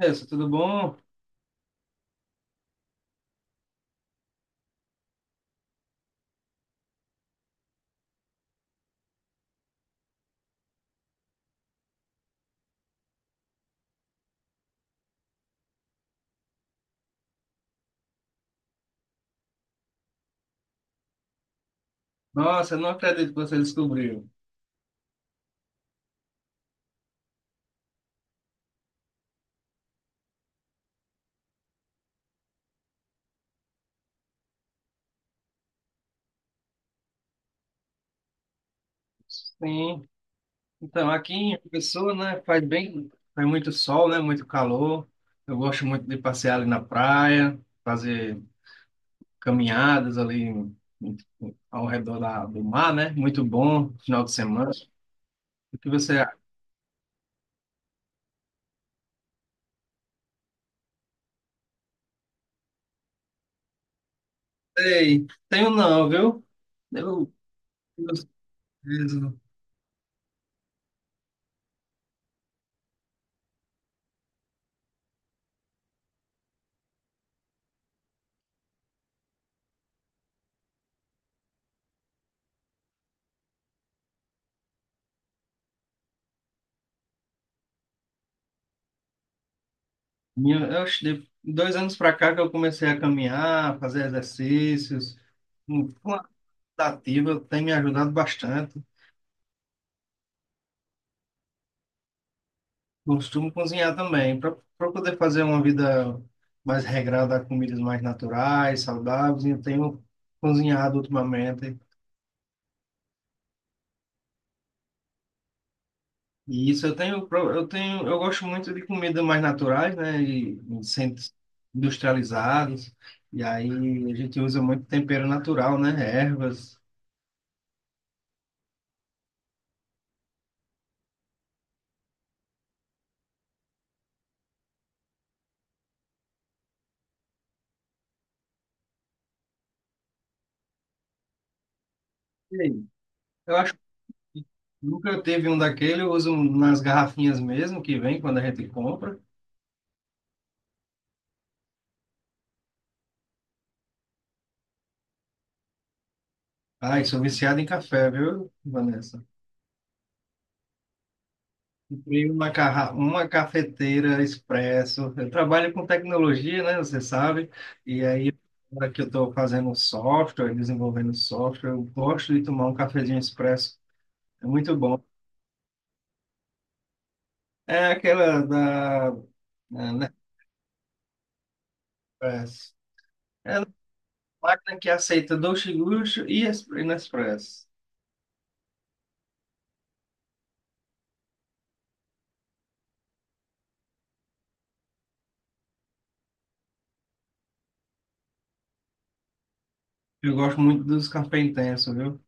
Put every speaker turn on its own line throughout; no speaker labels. Isso, tudo bom? Nossa, eu não acredito que você descobriu. Sim. Então, aqui em Pessoa, né, faz bem, faz muito sol, né, muito calor. Eu gosto muito de passear ali na praia, fazer caminhadas ali em- ao redor da, do mar, né? Muito bom, final de semana. O que você acha? Ei, tenho não, viu? Eu, eu, eu acho que de 2 anos para cá que eu comecei a caminhar, fazer exercícios. Ativa tem me ajudado bastante. Costumo cozinhar também, para poder fazer uma vida mais regrada, comidas mais naturais, saudáveis. Eu tenho cozinhado ultimamente. E isso eu tenho, eu gosto muito de comidas mais naturais, né, e sem industrializados. E aí a gente usa muito tempero natural, né, ervas. E aí, eu acho que nunca teve um daquele, eu uso nas garrafinhas mesmo que vem quando a gente compra. Ai, sou viciado em café, viu, Vanessa? Comprei uma, uma cafeteira expresso. Eu trabalho com tecnologia, né? Você sabe. E aí, agora que eu estou fazendo software, desenvolvendo software, eu gosto de tomar um cafezinho expresso. É muito bom. É aquela da é, Nespresso. É uma máquina que aceita Dolce Gusto e Nespresso. Eu gosto muito dos cafés intenso viu?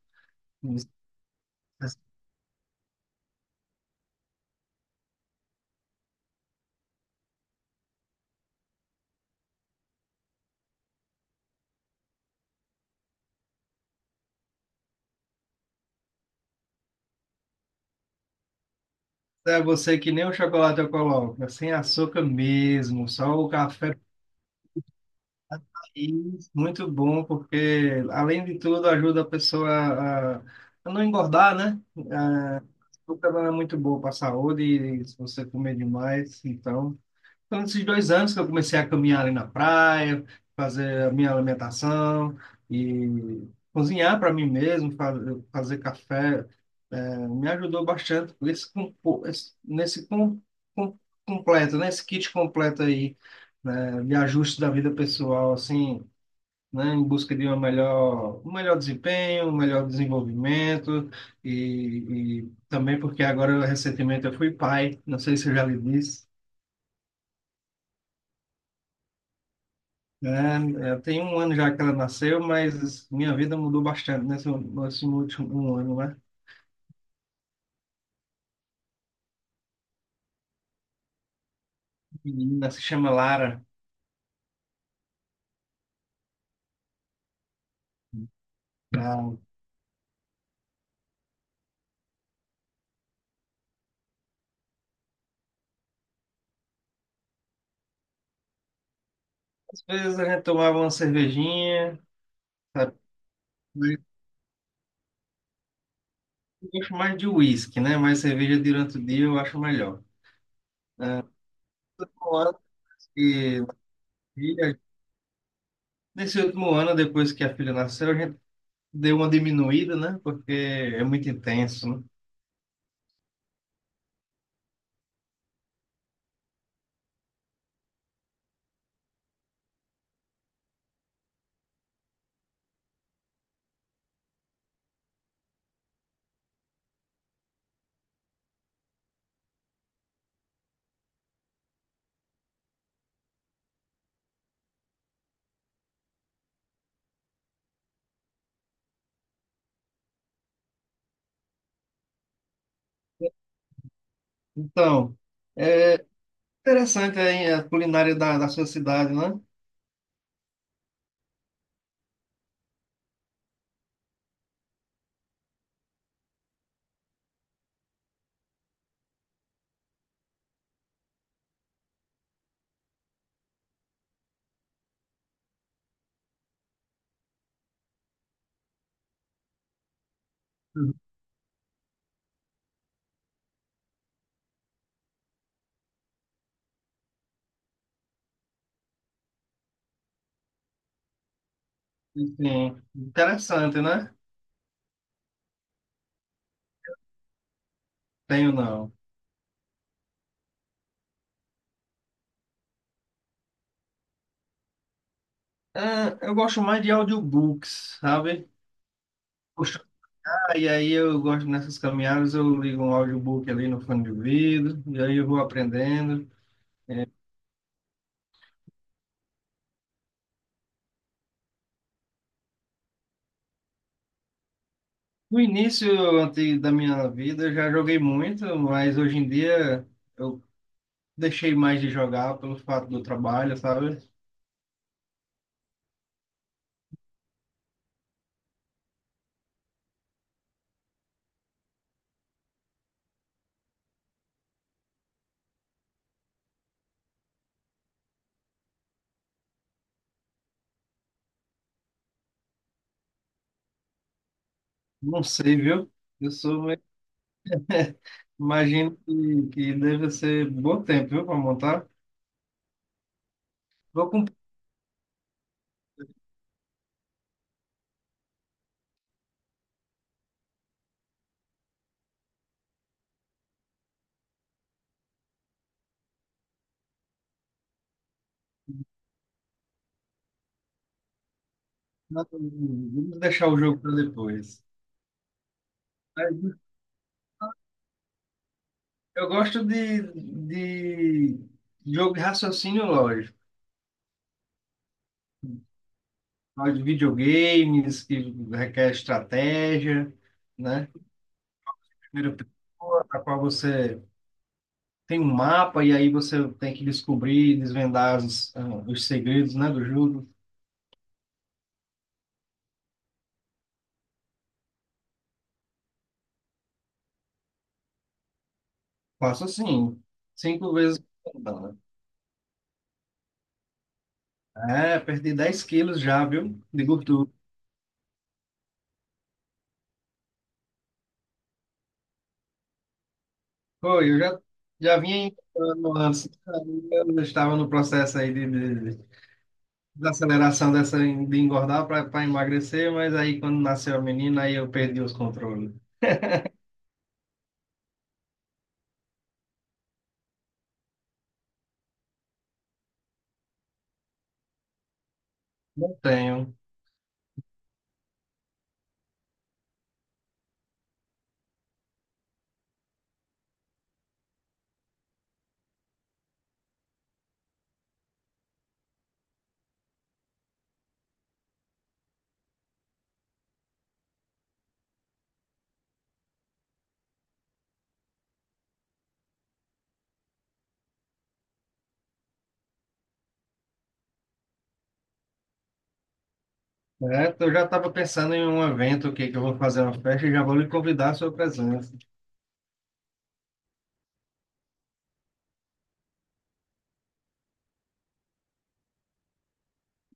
É, você que nem o chocolate eu coloco, é sem açúcar mesmo, só o café. E muito bom, porque além de tudo ajuda a pessoa a não engordar, né? A, açúcar não é muito bom para a saúde, e se você comer demais, então. Então esses 2 anos que eu comecei a caminhar ali na praia, fazer a minha alimentação e cozinhar para mim mesmo, fazer café. É, me ajudou bastante com esse, compo- esse- nesse com- completo, nesse kit completo aí, né, de ajuste da vida pessoal, assim, né, em busca de uma melhor, um melhor desempenho, um melhor desenvolvimento e também porque agora recentemente eu fui pai, não sei se eu já lhe disse. Eu tenho 1 ano já que ela nasceu, mas minha vida mudou bastante nesse último 1 ano, né? A menina se chama Lara. Ah, às vezes a gente tomava uma cervejinha, sabe? Mas eu gosto mais de uísque, né? Mas cerveja durante o dia eu acho melhor. Ah, nesse último ano que- filha- nesse último ano, depois que a filha nasceu, a gente deu uma diminuída, né? Porque é muito intenso, né? Então, é interessante aí a culinária da, da sua cidade, né? Sim, interessante, né? Tenho não. É, eu gosto mais de audiobooks, sabe? Puxa, e aí eu gosto nessas caminhadas, eu ligo um audiobook ali no fone de ouvido, e aí eu vou aprendendo. No início antes da minha vida, eu já joguei muito, mas hoje em dia eu deixei mais de jogar pelo fato do trabalho, sabe? Não sei, viu? Eu sou meio... Imagino que deve ser bom tempo, viu, para montar. Vou com não, vamos deixar o jogo para depois. Mas eu gosto de jogo de raciocínio lógico, de videogames que requer estratégia, né? Primeira pessoa, a qual você tem um mapa e aí você tem que descobrir, desvendar os, ah, os segredos, né, do jogo. Faço assim, 5 vezes por semana. É, perdi 10 quilos já, viu? De gordura. Foi, eu já, já vinha encontrando antes, eu estava no processo aí de desaceleração dessa, de engordar para emagrecer, mas aí quando nasceu a menina, aí eu perdi os controles. Não tenho. É, eu já estava pensando em um evento que eu vou fazer uma festa e já vou lhe convidar à sua presença.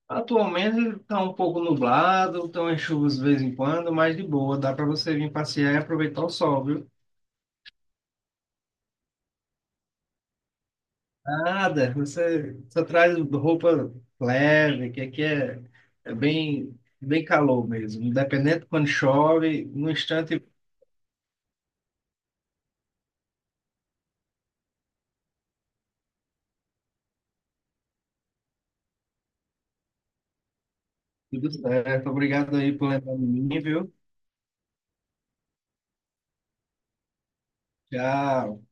Atualmente está um pouco nublado, estão em chuvas de vez em quando, mas de boa, dá para você vir passear e aproveitar o sol, viu? Nada, você só traz roupa leve, que aqui é bem, bem calor mesmo. Independente de quando chove, no instante tudo certo. Obrigado aí por lembrar de mim, viu? Tchau.